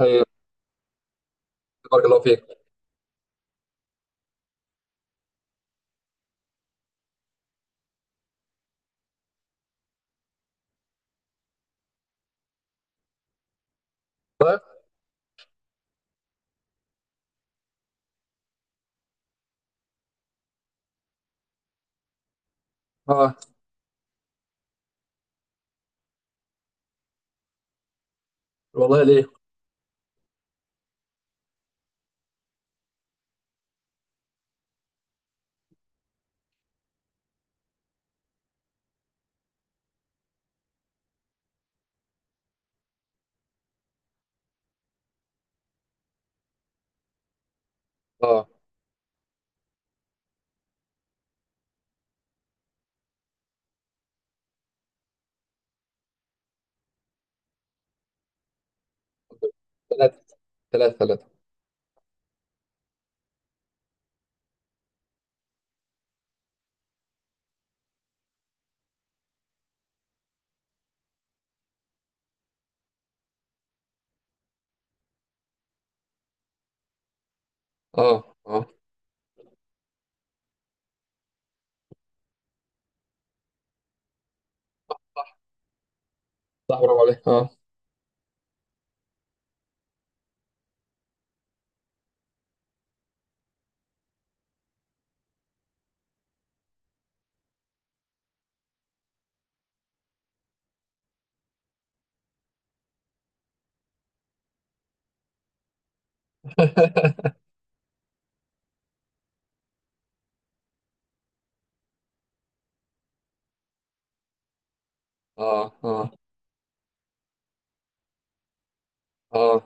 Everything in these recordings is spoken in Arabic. ايوه. بارك الله فيك. طيب. اه، والله ليه. اه. ثلاثة، ثلاثة، ثلاثة. اه، اه، صح، برافو عليك. اه. اه، اه، اه،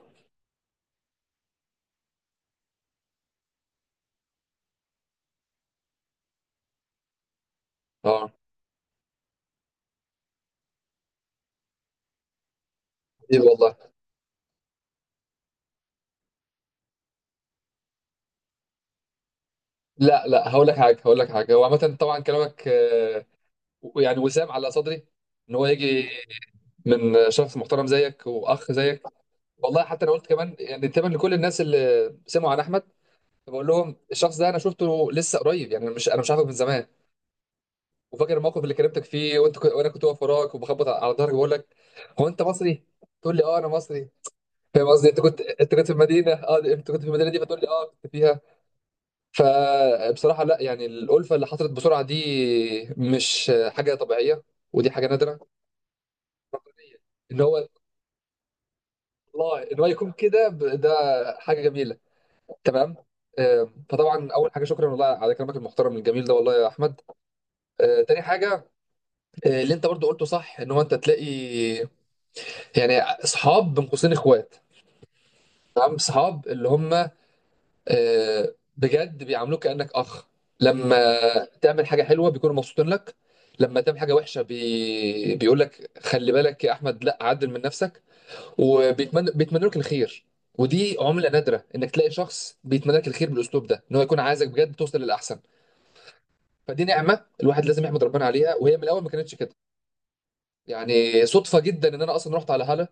اه. ايه والله. لا، لا، هقول لك حاجه، هقول لك حاجه. هو عامه طبعا كلامك، يعني وسام على صدري ان هو يجي من شخص محترم زيك واخ زيك. والله حتى انا قلت كمان، يعني تقريبا لكل الناس اللي سمعوا عن احمد بقول لهم الشخص ده انا شفته لسه قريب، يعني مش، انا مش عارفه من زمان. وفاكر الموقف اللي كلمتك فيه، وانت كنت، وانا كنت واقف وراك وبخبط على ظهرك بقول لك: هو انت مصري؟ تقول لي: اه انا مصري. فاهم قصدي؟ انت كنت، انت كنت في المدينه، اه، انت كنت في المدينه دي، فتقول لي اه كنت فيها. فبصراحه لا، يعني الالفه اللي حصلت بسرعه دي مش حاجه طبيعيه، ودي حاجه نادره. ان هو، الله، ان هو يكون كده ده حاجه جميله. تمام. فطبعا اول حاجه شكرا والله على كلامك المحترم الجميل ده والله يا احمد. تاني حاجه، اللي انت برضو قلته صح ان هو انت تلاقي يعني اصحاب بين قوسين اخوات. تمام، صحاب اللي هم بجد بيعاملوك كانك اخ. لما تعمل حاجه حلوه بيكونوا مبسوطين لك، لما تعمل حاجه وحشه بيقول لك خلي بالك يا احمد لا عدل من نفسك. وبيتمنى لك الخير. ودي عمله نادره انك تلاقي شخص بيتمنى لك الخير بالاسلوب ده، ان هو يكون عايزك بجد توصل للاحسن. فدي نعمه الواحد لازم يحمد ربنا عليها، وهي من الاول ما كانتش كده. يعني صدفه جدا ان انا اصلا رحت على هاله،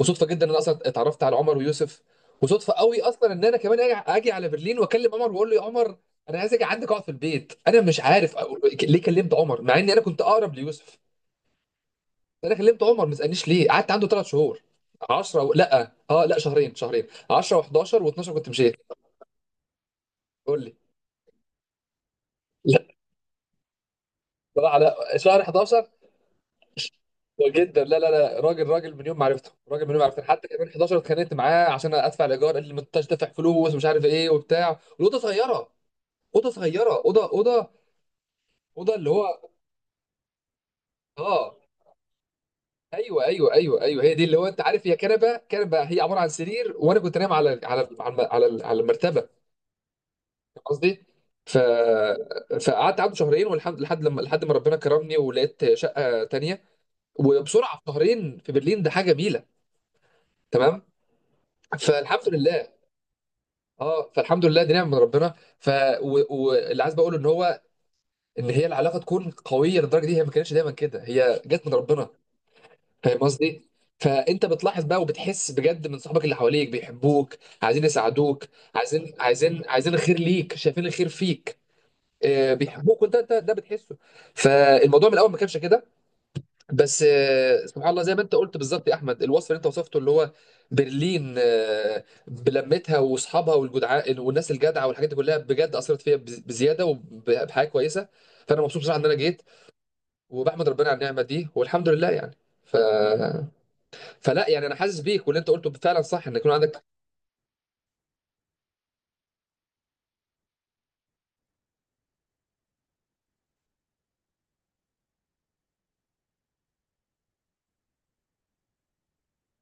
وصدفه جدا ان انا اصلا اتعرفت على عمر ويوسف، وصدفه قوي اصلا ان انا كمان اجي على برلين واكلم عمر واقول له يا عمر انا عايز اجي عندك اقعد في البيت. انا مش عارف ليه كلمت عمر مع اني انا كنت اقرب ليوسف. انا كلمت عمر، ما تسالنيش ليه. قعدت عنده 3 شهور، 10 و... لا، اه، لا، شهرين، شهرين، 10 و11 و12 كنت مشيت. قول لي. لا، لا، لا، شهر 11. وجدا، لا، لا، لا، راجل، راجل من يوم ما عرفته، راجل من يوم ما عرفته. حتى كمان 11 اتخانقت معاه عشان ادفع الايجار، قال لي ما انتش دافع فلوس ومش عارف ايه وبتاع، والاوضه صغيره. اوضه صغيره، اوضه، اوضه، اوضه اللي هو، اه. ايوه، ايوه، ايوه، ايوه، هي دي. اللي هو انت عارف، هي كنبه، كنبه، هي عباره عن سرير، وانا كنت نايم على المرتبه. فاهم قصدي؟ ف فقعدت عنده شهرين، والحمد لحد ما ربنا كرمني ولقيت شقه تانيه. وبسرعه، في شهرين في برلين، ده حاجه جميله. تمام؟ فالحمد لله. اه، فالحمد لله. دي نعمه من ربنا. واللي عايز بقوله ان هو ان هي العلاقه تكون قويه للدرجه دي، هي ما كانتش دايما كده، هي جت من ربنا. فاهم قصدي؟ فانت بتلاحظ بقى وبتحس بجد من صحابك اللي حواليك بيحبوك، عايزين يساعدوك، عايزين، عايزين الخير ليك، شايفين الخير فيك، بيحبوك. وانت، انت ده بتحسه. فالموضوع من الاول ما كانش كده. بس سبحان الله زي ما انت قلت بالظبط يا احمد، الوصف اللي انت وصفته اللي هو برلين، بلمتها واصحابها والجدعاء والناس الجدعه والحاجات دي كلها بجد اثرت فيا بزياده وبحاجه كويسه. فانا مبسوط بصراحه ان انا جيت، وبحمد ربنا على النعمه دي، والحمد لله يعني. ف... فلا، يعني انا حاسس بيك، واللي انت قلته فعلا صح ان يكون عندك.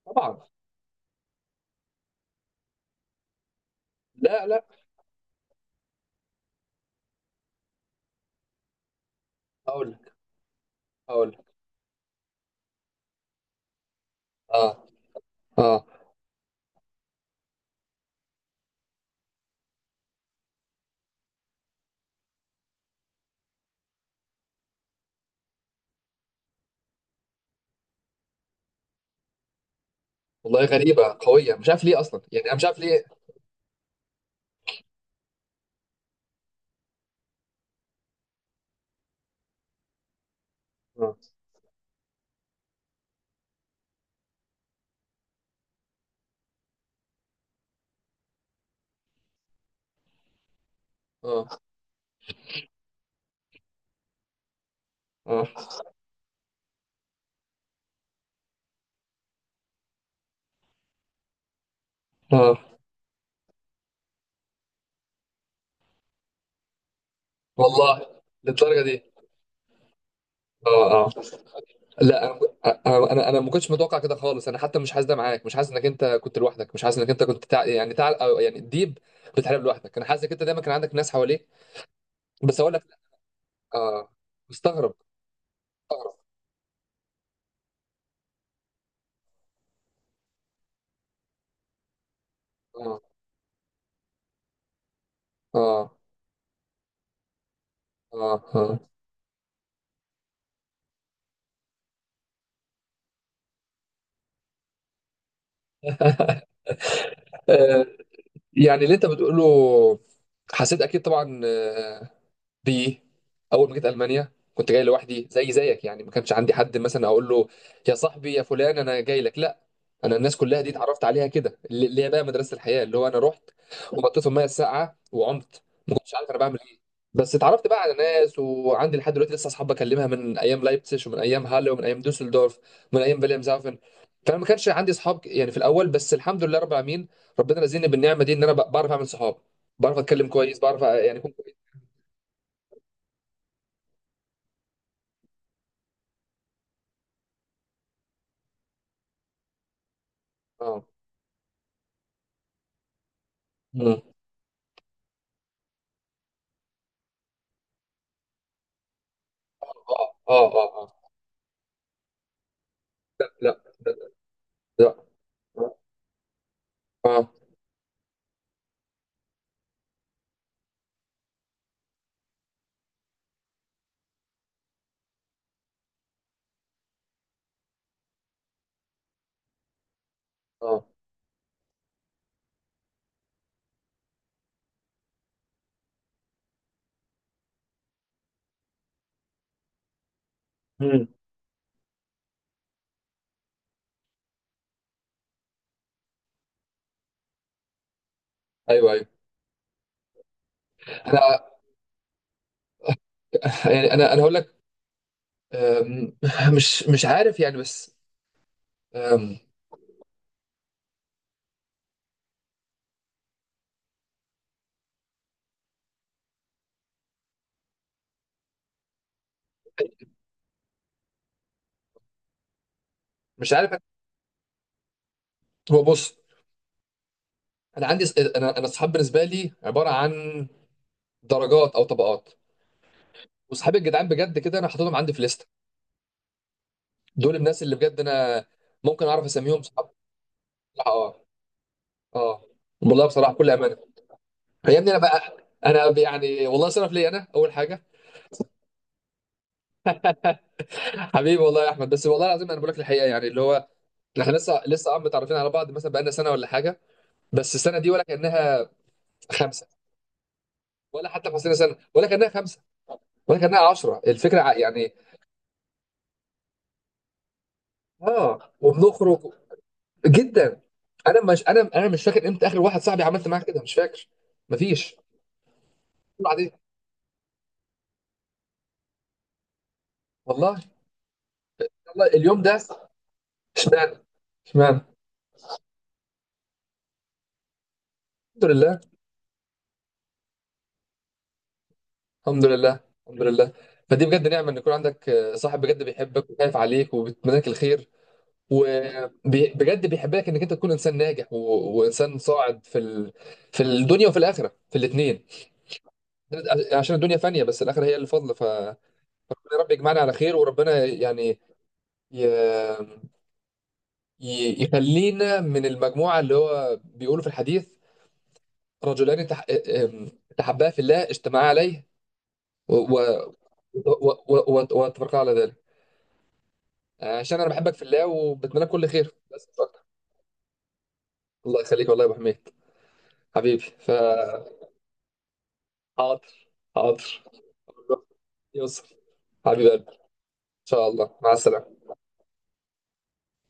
طبعا. لا، لا، اقول لك، اقول لك. اه. اه والله. غريبه قويه، مش عارف ليه اصلا، يعني انا مش عارف ليه. اه، اه، اه، آه. والله، للدرجه دي؟ اه، لا. انا ما كنتش متوقع كده خالص. انا حتى مش حاسس ده معاك. مش حاسس انك انت كنت لوحدك، مش حاسس انك انت كنت تع... يعني تع... أو يعني ديب بتحارب لوحدك. انا حاسس انك انت دايما كان عندك ناس حواليك. بس اقول لك لا. اه. مستغرب. مستغرب. اه، اه، اه، آه. يعني اللي انت بتقوله حسيت اكيد طبعا. بيه. اول ما جيت المانيا كنت جاي لوحدي زي زيك، يعني ما كانش عندي حد مثلا اقول له يا صاحبي يا فلان، انا جاي لك، لا. انا الناس كلها دي اتعرفت عليها كده، اللي هي بقى مدرسه الحياه اللي هو انا رحت وحطيت في الميه الساقعه وعمت. ما كنتش عارف انا بعمل ايه. بس اتعرفت بقى على ناس، وعندي لحد دلوقتي لسه اصحاب بكلمها من ايام لايبتسش ومن ايام هاlle ومن ايام دوسلدورف ومن ايام فيليامزهافن. فانا ما كانش عندي اصحاب يعني في الاول، بس الحمد لله رب العالمين، ربنا رزقني بالنعمه دي ان انا بعرف اعمل صحاب، بعرف اتكلم كويس، بعرف يعني اكون كويس. اه. مم. اه، اه، اه، لا، لا. اه، اه. مم. ايوه، ايوه. انا، يعني انا هقول لك، أم، مش عارف يعني، بس، أم، مش عارف. هو بص، انا عندي، انا الصحاب بالنسبه لي عباره عن درجات او طبقات. وصحابي الجدعان بجد كده انا حاططهم عندي في ليست. دول الناس اللي بجد انا ممكن اعرف اسميهم صحاب. بصراحه اه. اه، والله بصراحه بكل امانه. يا ابني انا بقى، انا يعني والله صرف لي، انا اول حاجه. حبيبي، والله يا احمد، بس والله العظيم انا بقول لك الحقيقه يعني اللي هو، احنا لسه عم متعرفين على بعض، مثلا بقالنا سنه ولا حاجه. بس السنه دي ولا كانها خمسه، ولا حتى 50 سنه ولا كانها خمسه. وانا كان معايا 10، الفكره يعني. اه، وبنخرج جدا. انا مش، انا مش فاكر امتى اخر واحد صاحبي عملت معاه كده. مش فاكر. مفيش. طلع عليه. والله. والله اليوم ده. اشمعنى؟ اشمعنى؟ الحمد لله. الحمد لله. الحمد لله. فدي بجد نعمه ان يكون عندك صاحب بجد بيحبك وخايف عليك وبيتمناك الخير، وبجد بيحبك انك انت تكون انسان ناجح و... وانسان صاعد في ال... في الدنيا وفي الاخره، في الاثنين. عشان الدنيا فانيه بس الاخره هي اللي فاضله. يا رب يجمعنا على خير. وربنا يعني ي... يخلينا من المجموعة اللي هو بيقولوا في الحديث: رجلان ام- تحبا في الله اجتمعا عليه و... و... و... وتفرقا على ذلك. عشان أنا بحبك في الله وبتمنى لك كل خير، بس مش أكتر. الله يخليك والله يا أبو حميد. حبيبي. حاضر. حاضر. يوصل. حبيب قلبي. إن شاء الله، مع السلامة.